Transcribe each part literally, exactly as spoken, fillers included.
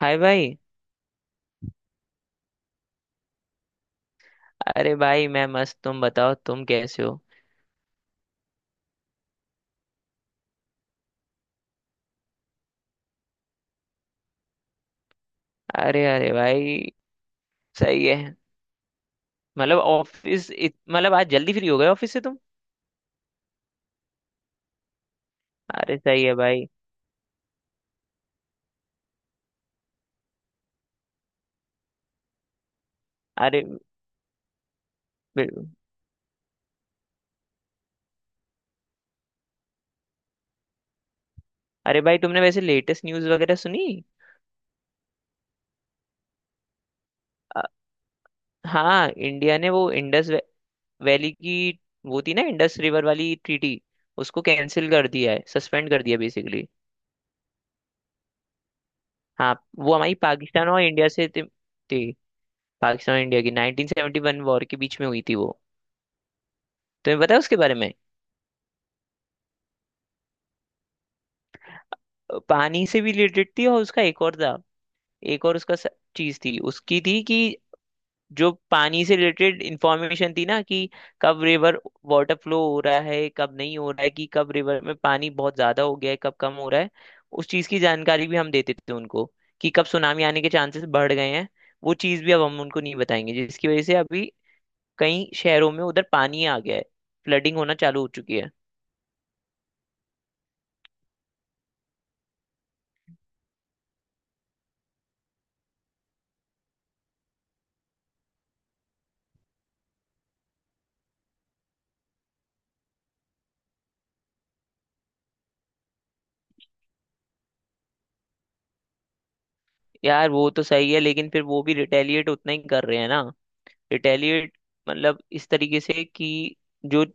हाय भाई। अरे भाई मैं मस्त। तुम बताओ तुम कैसे हो? अरे अरे भाई। सही है। मतलब ऑफिस इत- मतलब आज जल्दी फ्री हो गए ऑफिस से तुम? अरे सही है भाई। अरे बिल्कुल। अरे भाई तुमने वैसे लेटेस्ट न्यूज़ वगैरह सुनी? अ, हाँ इंडिया ने वो इंडस वै- वैली की वो थी ना, इंडस रिवर वाली ट्रीटी। उसको कैंसिल कर दिया है, सस्पेंड कर दिया बेसिकली। हाँ वो हमारी पाकिस्तान और इंडिया से थी थी, पाकिस्तान और इंडिया की नाइंटीन सेवेंटी वन वॉर के बीच में हुई थी वो। तुम्हें पता है उसके बारे में? पानी से भी रिलेटेड थी और उसका एक और था। एक और उसका चीज थी उसकी, थी कि जो पानी से रिलेटेड इंफॉर्मेशन थी ना, कि कब रिवर वाटर फ्लो हो रहा है कब नहीं हो रहा है, कि कब रिवर में पानी बहुत ज्यादा हो गया है कब कम हो रहा है। उस चीज की जानकारी भी हम देते थे उनको, कि कब सुनामी आने के चांसेस बढ़ गए हैं। वो चीज भी अब हम उनको नहीं बताएंगे, जिसकी वजह से अभी कई शहरों में उधर पानी आ गया है, फ्लडिंग होना चालू हो चुकी है। यार वो तो सही है लेकिन फिर वो भी रिटेलिएट उतना ही कर रहे हैं ना। रिटेलिएट मतलब इस तरीके से कि जो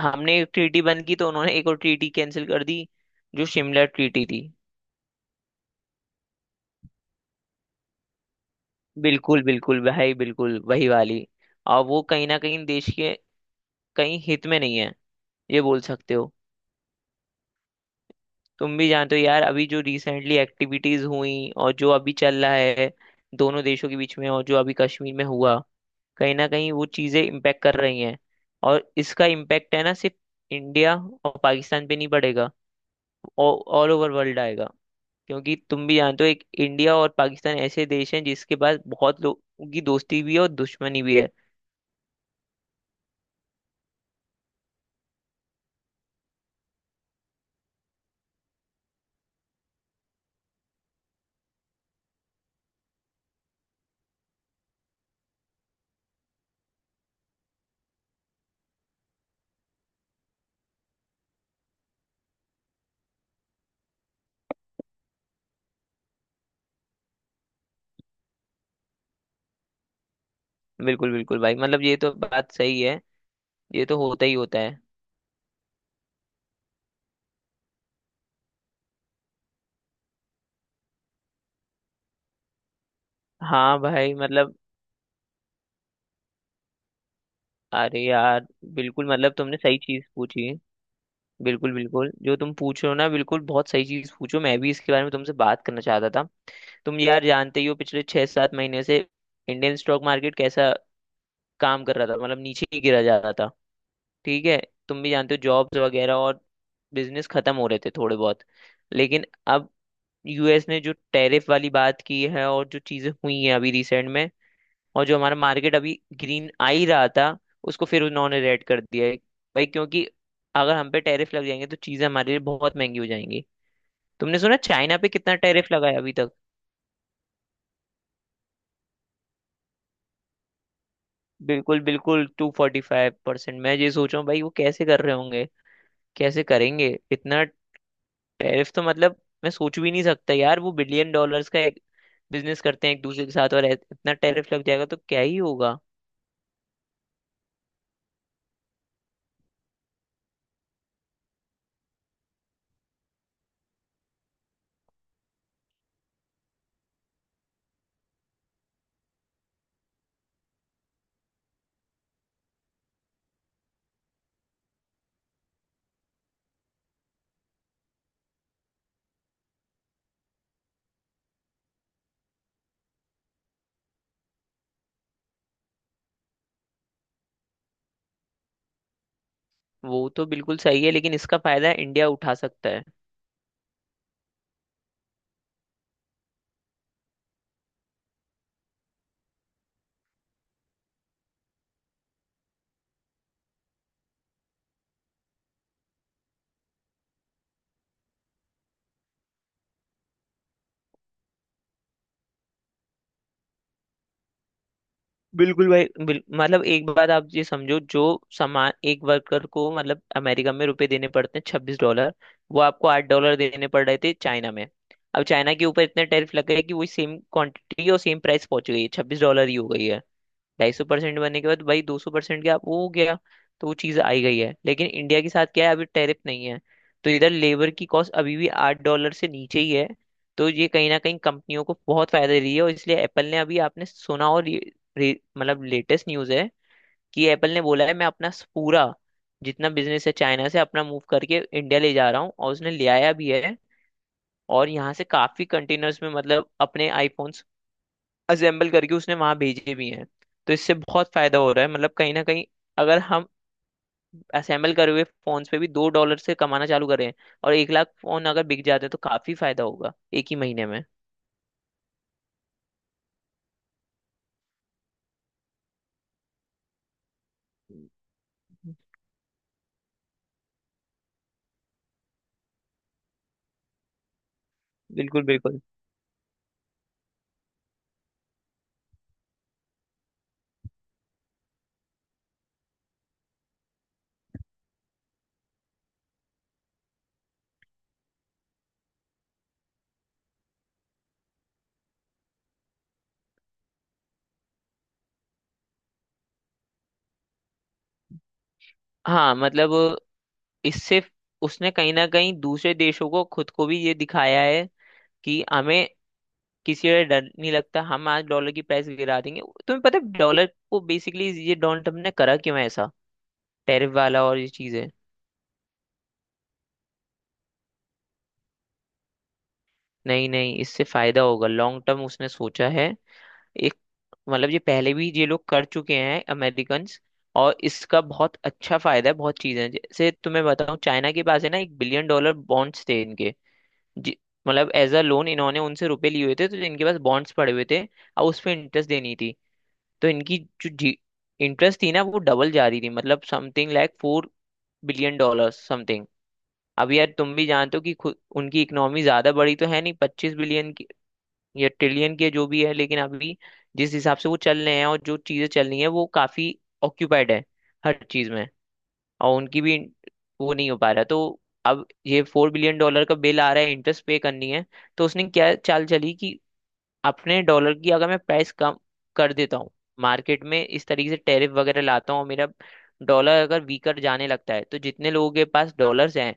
हमने एक ट्रीटी बंद की तो उन्होंने एक और ट्रीटी कैंसिल कर दी, जो शिमला ट्रीटी थी। बिल्कुल बिल्कुल भाई, बिल्कुल वही वाली। और वो कहीं ना कहीं देश के कहीं हित में नहीं है, ये बोल सकते हो। तुम भी जानते हो यार अभी जो रिसेंटली एक्टिविटीज हुई और जो अभी चल रहा है दोनों देशों के बीच में, और जो अभी कश्मीर में हुआ, कहीं ना कहीं वो चीजें इम्पेक्ट कर रही हैं। और इसका इम्पेक्ट है ना, सिर्फ इंडिया और पाकिस्तान पे नहीं पड़ेगा, ऑल ओवर वर्ल्ड आएगा। क्योंकि तुम भी जानते हो, एक इंडिया और पाकिस्तान ऐसे देश हैं जिसके पास बहुत लोगों की दोस्ती भी है और दुश्मनी भी है। बिल्कुल बिल्कुल भाई, मतलब ये तो बात सही है। ये तो होता ही होता है। हाँ भाई मतलब, अरे यार बिल्कुल, मतलब तुमने सही चीज पूछी। बिल्कुल बिल्कुल, जो तुम पूछ रहे हो ना, बिल्कुल बहुत सही चीज पूछो, मैं भी इसके बारे में तुमसे बात करना चाहता था। तुम यार जानते ही हो पिछले छह सात महीने से इंडियन स्टॉक मार्केट कैसा काम कर रहा था, मतलब नीचे ही गिरा जा रहा था। ठीक है। तुम भी जानते हो जॉब्स वगैरह और बिजनेस खत्म हो रहे थे थोड़े बहुत। लेकिन अब यूएस ने जो टैरिफ वाली बात की है और जो चीजें हुई हैं अभी रिसेंट में, और जो हमारा मार्केट अभी ग्रीन आ ही रहा था, उसको फिर उन्होंने रेड कर दिया है भाई। क्योंकि अगर हम पे टैरिफ लग जाएंगे तो चीजें हमारे लिए बहुत महंगी हो जाएंगी। तुमने सुना चाइना पे कितना टैरिफ लगा है अभी तक? बिल्कुल बिल्कुल, टू फोर्टी फाइव परसेंट। मैं ये सोच रहा हूँ भाई, वो कैसे कर रहे होंगे, कैसे करेंगे इतना टैरिफ तो। मतलब मैं सोच भी नहीं सकता यार, वो बिलियन डॉलर्स का एक बिजनेस करते हैं एक दूसरे के साथ, और ऐ- इतना टैरिफ लग जाएगा तो क्या ही होगा। वो तो बिल्कुल सही है लेकिन इसका फायदा इंडिया उठा सकता है। बिल्कुल भाई बिल, मतलब एक बात आप ये समझो, जो सामान एक वर्कर को मतलब अमेरिका में रुपए देने पड़ते हैं छब्बीस डॉलर, वो आपको आठ डॉलर देने पड़ रहे थे चाइना में। अब चाइना के ऊपर इतने टैरिफ लग गए कि वही सेम क्वांटिटी और सेम प्राइस पहुंच गई है, छब्बीस डॉलर ही हो गई है। ढाई सौ परसेंट बनने के बाद भाई, दो सौ परसेंट क्या वो हो गया। तो वो चीज़ आई गई है, लेकिन इंडिया के साथ क्या है, अभी टैरिफ नहीं है। तो इधर लेबर की कॉस्ट अभी भी आठ डॉलर से नीचे ही है। तो ये कहीं ना कहीं कंपनियों को बहुत फायदा दे रही है, और इसलिए एप्पल ने अभी, आपने सुना और ये- रे- मतलब लेटेस्ट न्यूज़ है, कि एप्पल ने बोला है मैं अपना स- पूरा जितना बिजनेस है चाइना से अपना मूव करके इंडिया ले जा रहा हूँ, और उसने ले आया भी है। और यहाँ से काफी कंटेनर्स में मतलब अपने आईफोन असेंबल करके उसने वहां भेजे भी हैं। तो इससे बहुत फायदा हो रहा है, मतलब कहीं ना कहीं अगर हम असेंबल करे हुए फोन्स पे भी दो डॉलर से कमाना चालू करें, और एक लाख फोन अगर बिक जाते हैं तो काफी फायदा होगा एक ही महीने में। बिल्कुल बिल्कुल। हाँ मतलब, इससे उसने कहीं ना कहीं दूसरे देशों को, खुद को भी, ये दिखाया है कि हमें किसी का डर नहीं लगता, हम आज डॉलर की प्राइस गिरा देंगे। तुम्हें पता है डॉलर को बेसिकली ये डोनाल्ड ट्रम्प ने करा क्यों है ऐसा, टैरिफ वाला और ये चीजें? नहीं नहीं, इससे फायदा होगा लॉन्ग टर्म, उसने सोचा है एक। मतलब ये पहले भी ये लोग कर चुके हैं अमेरिकन्स। और इसका बहुत अच्छा फायदा है, बहुत चीजें हैं। जैसे तुम्हें बताऊं, चाइना के पास है ना, एक बिलियन डॉलर बॉन्ड्स थे इनके। जी- मतलब एज अ लोन इन्होंने उनसे रुपए लिए हुए थे, तो इनके पास बॉन्ड्स पड़े हुए थे, और उस पे इंटरेस्ट देनी थी। तो इनकी जो इंटरेस्ट थी ना, वो डबल जा रही थी, मतलब something like four billion dollar something. अब यार तुम भी जानते हो कि खुद उनकी इकोनॉमी ज्यादा बड़ी तो है नहीं, पच्चीस बिलियन या ट्रिलियन के जो भी है, लेकिन अभी जिस हिसाब से वो चल रहे हैं और जो चीजें चल रही हैं वो काफी ऑक्यूपाइड है हर चीज में। और उनकी भी वो नहीं हो पा रहा। तो अब ये फोर बिलियन डॉलर का बिल आ रहा है इंटरेस्ट पे करनी है। तो उसने क्या चाल चली कि अपने डॉलर की अगर मैं प्राइस कम कर देता हूँ मार्केट में, इस तरीके से टैरिफ वगैरह लाता हूँ, और मेरा डॉलर अगर वीकर जाने लगता है तो जितने लोगों के पास डॉलर्स हैं,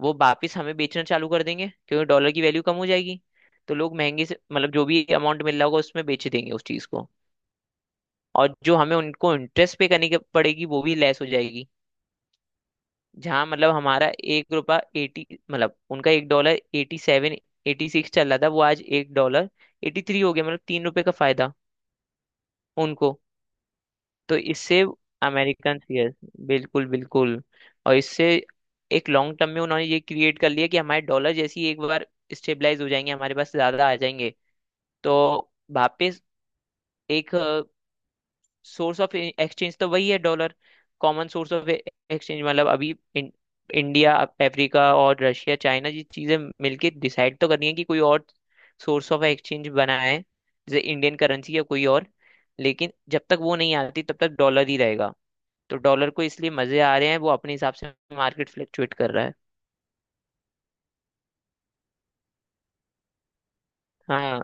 वो वापिस हमें बेचना चालू कर देंगे क्योंकि डॉलर की वैल्यू कम हो जाएगी। तो लोग महंगे से, मतलब जो भी अमाउंट मिल रहा होगा उसमें बेच देंगे उस चीज को। और जो हमें उनको इंटरेस्ट पे करनी के- पड़ेगी, वो भी लेस हो जाएगी। जहाँ मतलब हमारा एक रुपया एटी, मतलब उनका एक dollar eighty seven eighty six चल रहा था, वो आज एक डॉलर एटी थ्री हो गया, मतलब तीन रुपए का फायदा उनको। तो इससे अमेरिकन, यस बिल्कुल बिल्कुल, और इससे एक लॉन्ग टर्म में उन्होंने ये क्रिएट कर लिया कि हमारे डॉलर जैसी एक बार स्टेबलाइज हो जाएंगे, हमारे पास ज्यादा आ जाएंगे। तो वापस एक सोर्स ऑफ एक्सचेंज तो वही है dollar, common source of exchange, मतलब अभी इन, इंडिया, अफ्रीका और रशिया, चाइना, ये चीजें मिलके डिसाइड तो करनी है कि कोई और सोर्स ऑफ एक्सचेंज बनाए, जैसे इंडियन करेंसी या कोई और। लेकिन जब तक वो नहीं आती तब तक डॉलर ही रहेगा। तो डॉलर को इसलिए मजे आ रहे हैं, वो अपने हिसाब से मार्केट फ्लक्चुएट कर रहा है। हाँ।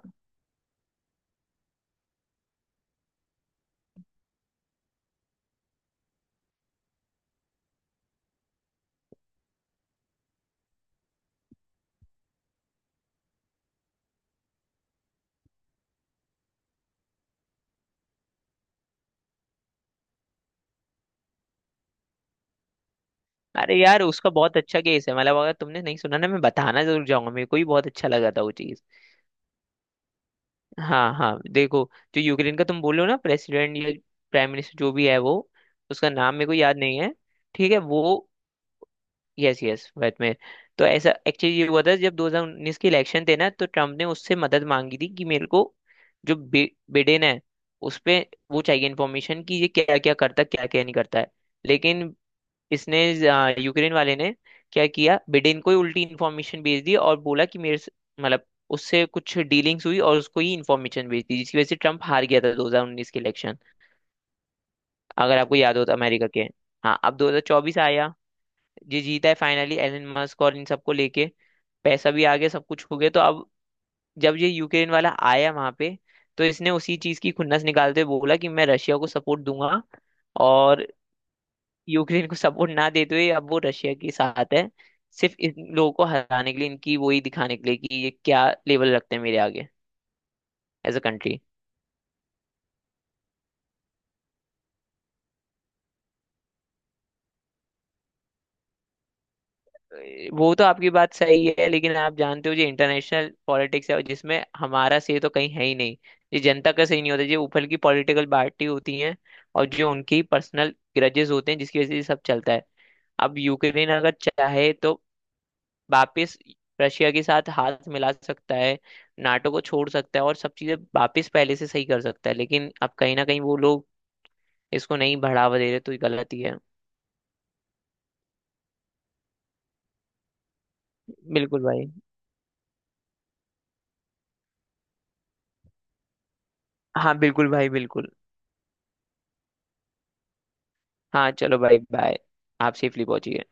अरे यार उसका बहुत अच्छा केस है, मतलब अगर तुमने नहीं सुना ना, मैं बताना जरूर जाऊंगा, मेरे को भी बहुत अच्छा लगा था वो चीज़। हाँ हाँ देखो, जो यूक्रेन का तुम बोल रहे हो ना, प्रेसिडेंट या प्राइम मिनिस्टर जो भी है वो, उसका नाम मेरे को याद नहीं है। ठीक है, वो, यस यस, वैट में। तो ऐसा एक्चुअली ये हुआ था जब दो हज़ार उन्नीस के इलेक्शन थे ना, तो ट्रम्प ने उससे मदद मांगी थी कि मेरे को जो बि, बिडेन है उस पे वो चाहिए इन्फॉर्मेशन, कि ये क्या क्या करता क्या क्या नहीं करता है। लेकिन इसने, आ, यूक्रेन वाले ने क्या किया, बिडेन को ही उल्टी इन्फॉर्मेशन भेज दी और बोला कि मेरे से- मतलब उससे कुछ डीलिंग्स हुई, और उसको ही इन्फॉर्मेशन भेज दी, जिसकी वजह से ट्रम्प हार गया था दो हज़ार उन्नीस के इलेक्शन, अगर आपको याद हो तो, अमेरिका के। हाँ अब दो हज़ार चौबीस आया, ये जीता है फाइनली, एलन मस्क और इन सबको लेके पैसा भी आ गया, सब कुछ हो गया, तो अब जब ये यूक्रेन वाला आया वहां पे, तो इसने उसी चीज की खुन्नस निकालते हुए बोला कि मैं रशिया को सपोर्ट दूंगा, और यूक्रेन को सपोर्ट ना देते हुए अब वो रशिया के साथ है। सिर्फ इन लोगों को हराने के लिए, इनकी वही दिखाने के लिए कि ये क्या लेवल रखते हैं मेरे आगे एज अ कंट्री। वो तो आपकी बात सही है, लेकिन आप जानते हो, जो इंटरनेशनल पॉलिटिक्स है जिसमें हमारा सही तो कहीं है ही नहीं। ये जनता का सही नहीं होता, ये ऊपर की पॉलिटिकल पार्टी होती है, और जो उनकी पर्सनल ग्रजेस होते हैं जिसकी वजह से ये सब चलता है। अब यूक्रेन अगर चाहे तो वापस रशिया के साथ हाथ मिला सकता है, नाटो को छोड़ सकता है, और सब चीजें वापस पहले से सही कर सकता है, लेकिन अब कहीं ना कहीं वो लोग इसको नहीं बढ़ावा दे रहे, तो ये गलत ही है। बिल्कुल भाई। हाँ बिल्कुल भाई बिल्कुल। हाँ चलो भाई, बाय। आप सेफली पहुंचिए।